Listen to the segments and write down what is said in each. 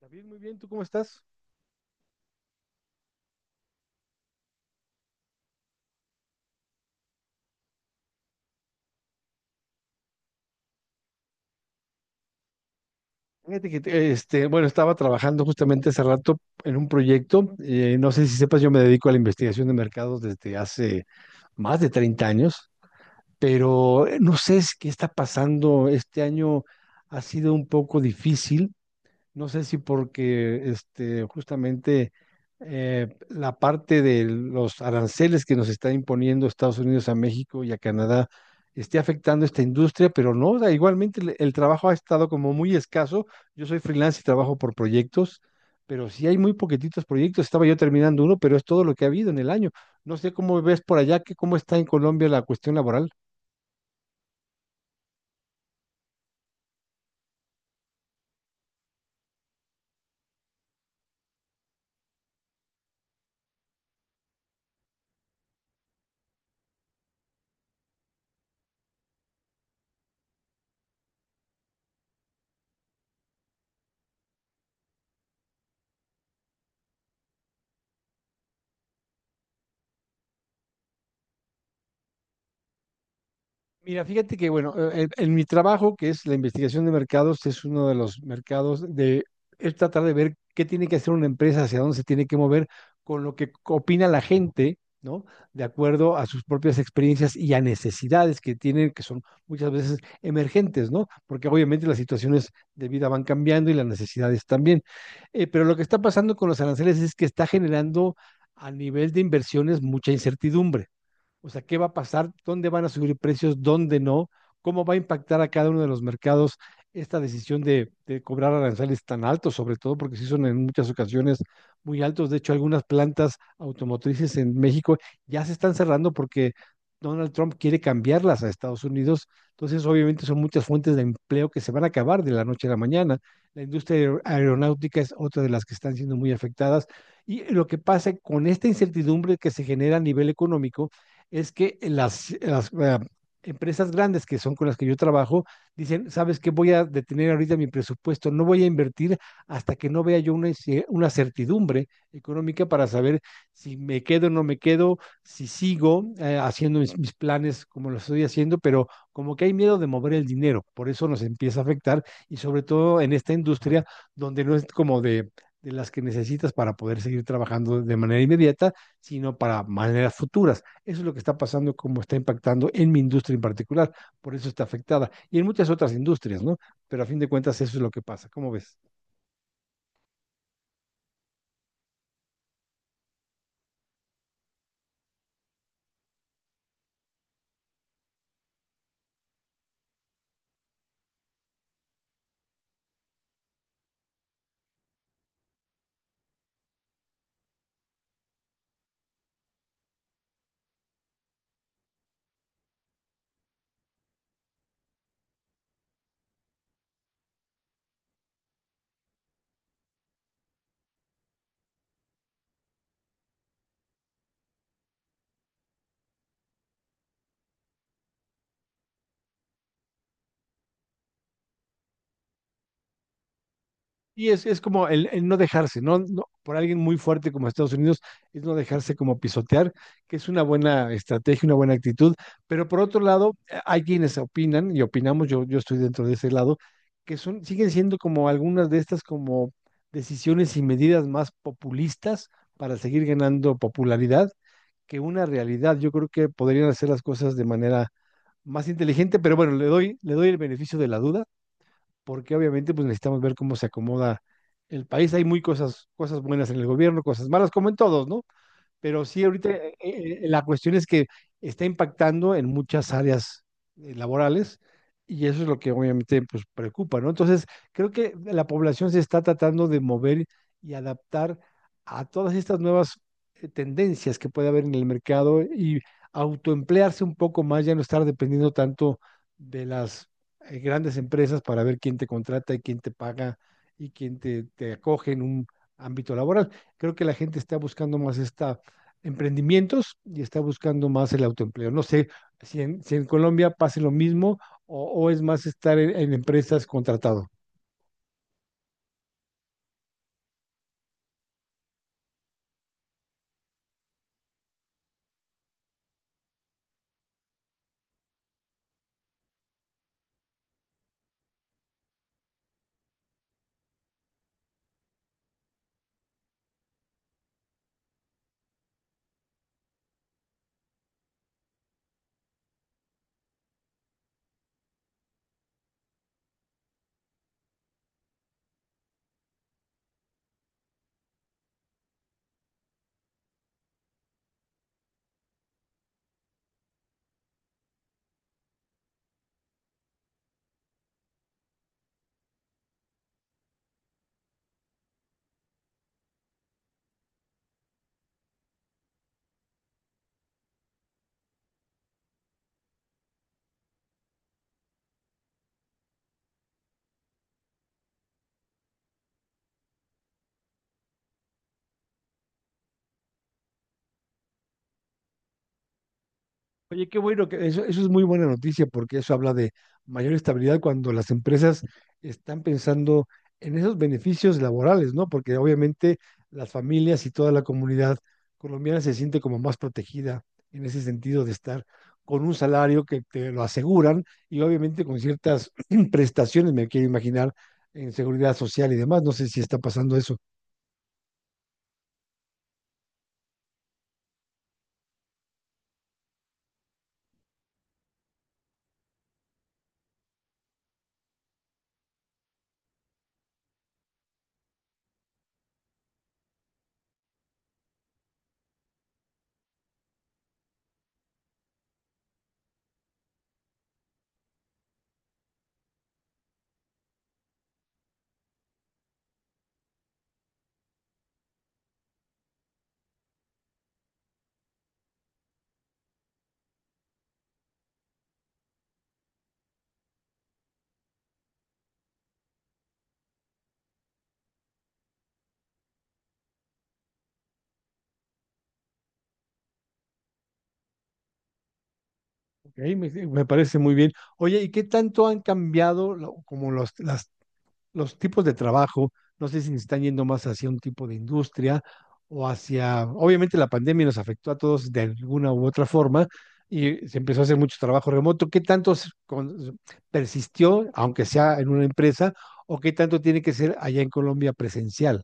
David, muy bien, ¿tú cómo estás? Fíjate que, bueno, estaba trabajando justamente hace rato en un proyecto. No sé si sepas, yo me dedico a la investigación de mercados desde hace más de 30 años, pero no sé qué está pasando. Este año ha sido un poco difícil. No sé si porque justamente la parte de los aranceles que nos está imponiendo Estados Unidos a México y a Canadá esté afectando esta industria, pero no, o sea, igualmente el trabajo ha estado como muy escaso. Yo soy freelance y trabajo por proyectos, pero sí hay muy poquititos proyectos. Estaba yo terminando uno, pero es todo lo que ha habido en el año. No sé cómo ves por allá, que cómo está en Colombia la cuestión laboral. Mira, fíjate que, bueno, en mi trabajo, que es la investigación de mercados, es uno de los mercados de es tratar de ver qué tiene que hacer una empresa, hacia dónde se tiene que mover con lo que opina la gente, ¿no? De acuerdo a sus propias experiencias y a necesidades que tienen, que son muchas veces emergentes, ¿no? Porque obviamente las situaciones de vida van cambiando y las necesidades también. Pero lo que está pasando con los aranceles es que está generando a nivel de inversiones mucha incertidumbre. O sea, ¿qué va a pasar? ¿Dónde van a subir precios? ¿Dónde no? ¿Cómo va a impactar a cada uno de los mercados esta decisión de cobrar aranceles tan altos, sobre todo porque sí son en muchas ocasiones muy altos? De hecho, algunas plantas automotrices en México ya se están cerrando porque Donald Trump quiere cambiarlas a Estados Unidos. Entonces, obviamente, son muchas fuentes de empleo que se van a acabar de la noche a la mañana. La industria aeronáutica es otra de las que están siendo muy afectadas. Y lo que pasa con esta incertidumbre que se genera a nivel económico es que las empresas grandes que son con las que yo trabajo dicen, ¿sabes qué? Voy a detener ahorita mi presupuesto, no voy a invertir hasta que no vea yo una certidumbre económica para saber si me quedo o no me quedo, si sigo haciendo mis planes como lo estoy haciendo, pero como que hay miedo de mover el dinero, por eso nos empieza a afectar y sobre todo en esta industria donde no es como de las que necesitas para poder seguir trabajando de manera inmediata, sino para maneras futuras. Eso es lo que está pasando, cómo está impactando en mi industria en particular. Por eso está afectada. Y en muchas otras industrias, ¿no? Pero a fin de cuentas eso es lo que pasa. ¿Cómo ves? Y es como el no dejarse, ¿no? No- Por alguien muy fuerte como Estados Unidos, es no dejarse como pisotear, que es una buena estrategia, una buena actitud. Pero por otro lado, hay quienes opinan, y opinamos, yo estoy dentro de ese lado, que son, siguen siendo como algunas de estas como decisiones y medidas más populistas para seguir ganando popularidad que una realidad. Yo creo que podrían hacer las cosas de manera más inteligente, pero bueno, le doy el beneficio de la duda, porque obviamente pues necesitamos ver cómo se acomoda el país. Hay muy cosas, cosas buenas en el gobierno, cosas malas, como en todos, ¿no? Pero sí, ahorita la cuestión es que está impactando en muchas áreas laborales y eso es lo que obviamente pues, preocupa, ¿no? Entonces, creo que la población se está tratando de mover y adaptar a todas estas nuevas tendencias que puede haber en el mercado y autoemplearse un poco más, ya no estar dependiendo tanto de las grandes empresas para ver quién te contrata y quién te paga y quién te acoge en un ámbito laboral. Creo que la gente está buscando más esta emprendimientos y está buscando más el autoempleo. No sé si en Colombia pase lo mismo o es más estar en empresas contratado. Oye, qué bueno, que eso es muy buena noticia porque eso habla de mayor estabilidad cuando las empresas están pensando en esos beneficios laborales, ¿no? Porque obviamente las familias y toda la comunidad colombiana se siente como más protegida en ese sentido de estar con un salario que te lo aseguran y obviamente con ciertas prestaciones, me quiero imaginar, en seguridad social y demás. No sé si está pasando eso. Ok, me parece muy bien. Oye, ¿y qué tanto han cambiado las los tipos de trabajo, no sé si nos están yendo más hacia un tipo de industria o hacia, obviamente la pandemia nos afectó a todos de alguna u otra forma y se empezó a hacer mucho trabajo remoto. ¿Qué tanto persistió, aunque sea en una empresa, o qué tanto tiene que ser allá en Colombia presencial?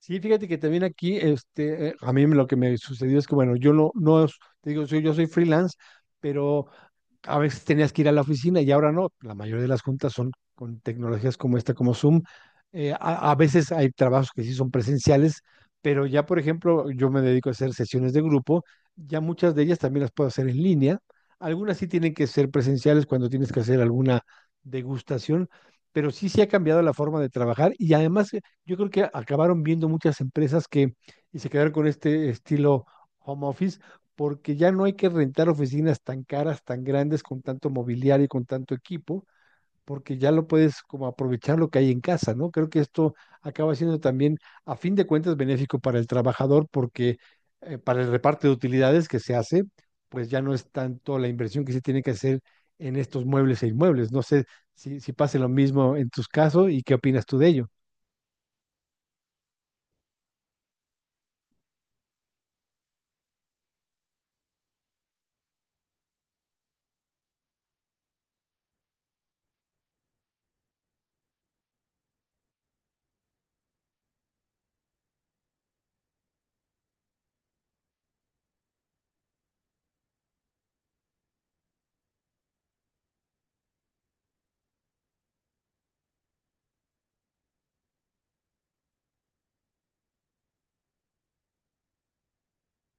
Sí, fíjate que también aquí, a mí lo que me sucedió es que, bueno, yo no, no, es- te digo, soy- yo soy freelance, pero a veces tenías que ir a la oficina y ahora no. La mayoría de las juntas son con tecnologías como esta, como Zoom. A veces hay trabajos que sí son presenciales, pero ya, por ejemplo, yo me dedico a hacer sesiones de grupo. Ya muchas de ellas también las puedo hacer en línea. Algunas sí tienen que ser presenciales cuando tienes que hacer alguna degustación, pero sí se ha cambiado la forma de trabajar y además yo creo que acabaron viendo muchas empresas que y se quedaron con este estilo home office porque ya no hay que rentar oficinas tan caras, tan grandes, con tanto mobiliario y con tanto equipo, porque ya lo puedes como aprovechar lo que hay en casa, ¿no? Creo que esto acaba siendo también, a fin de cuentas, benéfico para el trabajador, porque para el reparto de utilidades que se hace, pues ya no es tanto la inversión que se tiene que hacer en estos muebles e inmuebles. No sé si pase lo mismo en tus casos y qué opinas tú de ello.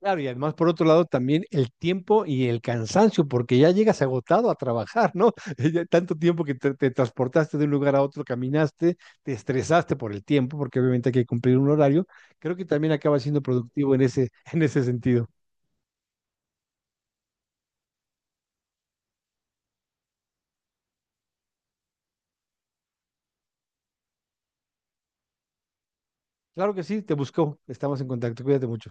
Claro, y además, por otro lado, también el tiempo y el cansancio, porque ya llegas agotado a trabajar, ¿no? Ya tanto tiempo que te transportaste de un lugar a otro, caminaste, te estresaste por el tiempo, porque obviamente hay que cumplir un horario. Creo que también acaba siendo productivo en ese, en ese sentido. Claro que sí, te busco. Estamos en contacto. Cuídate mucho.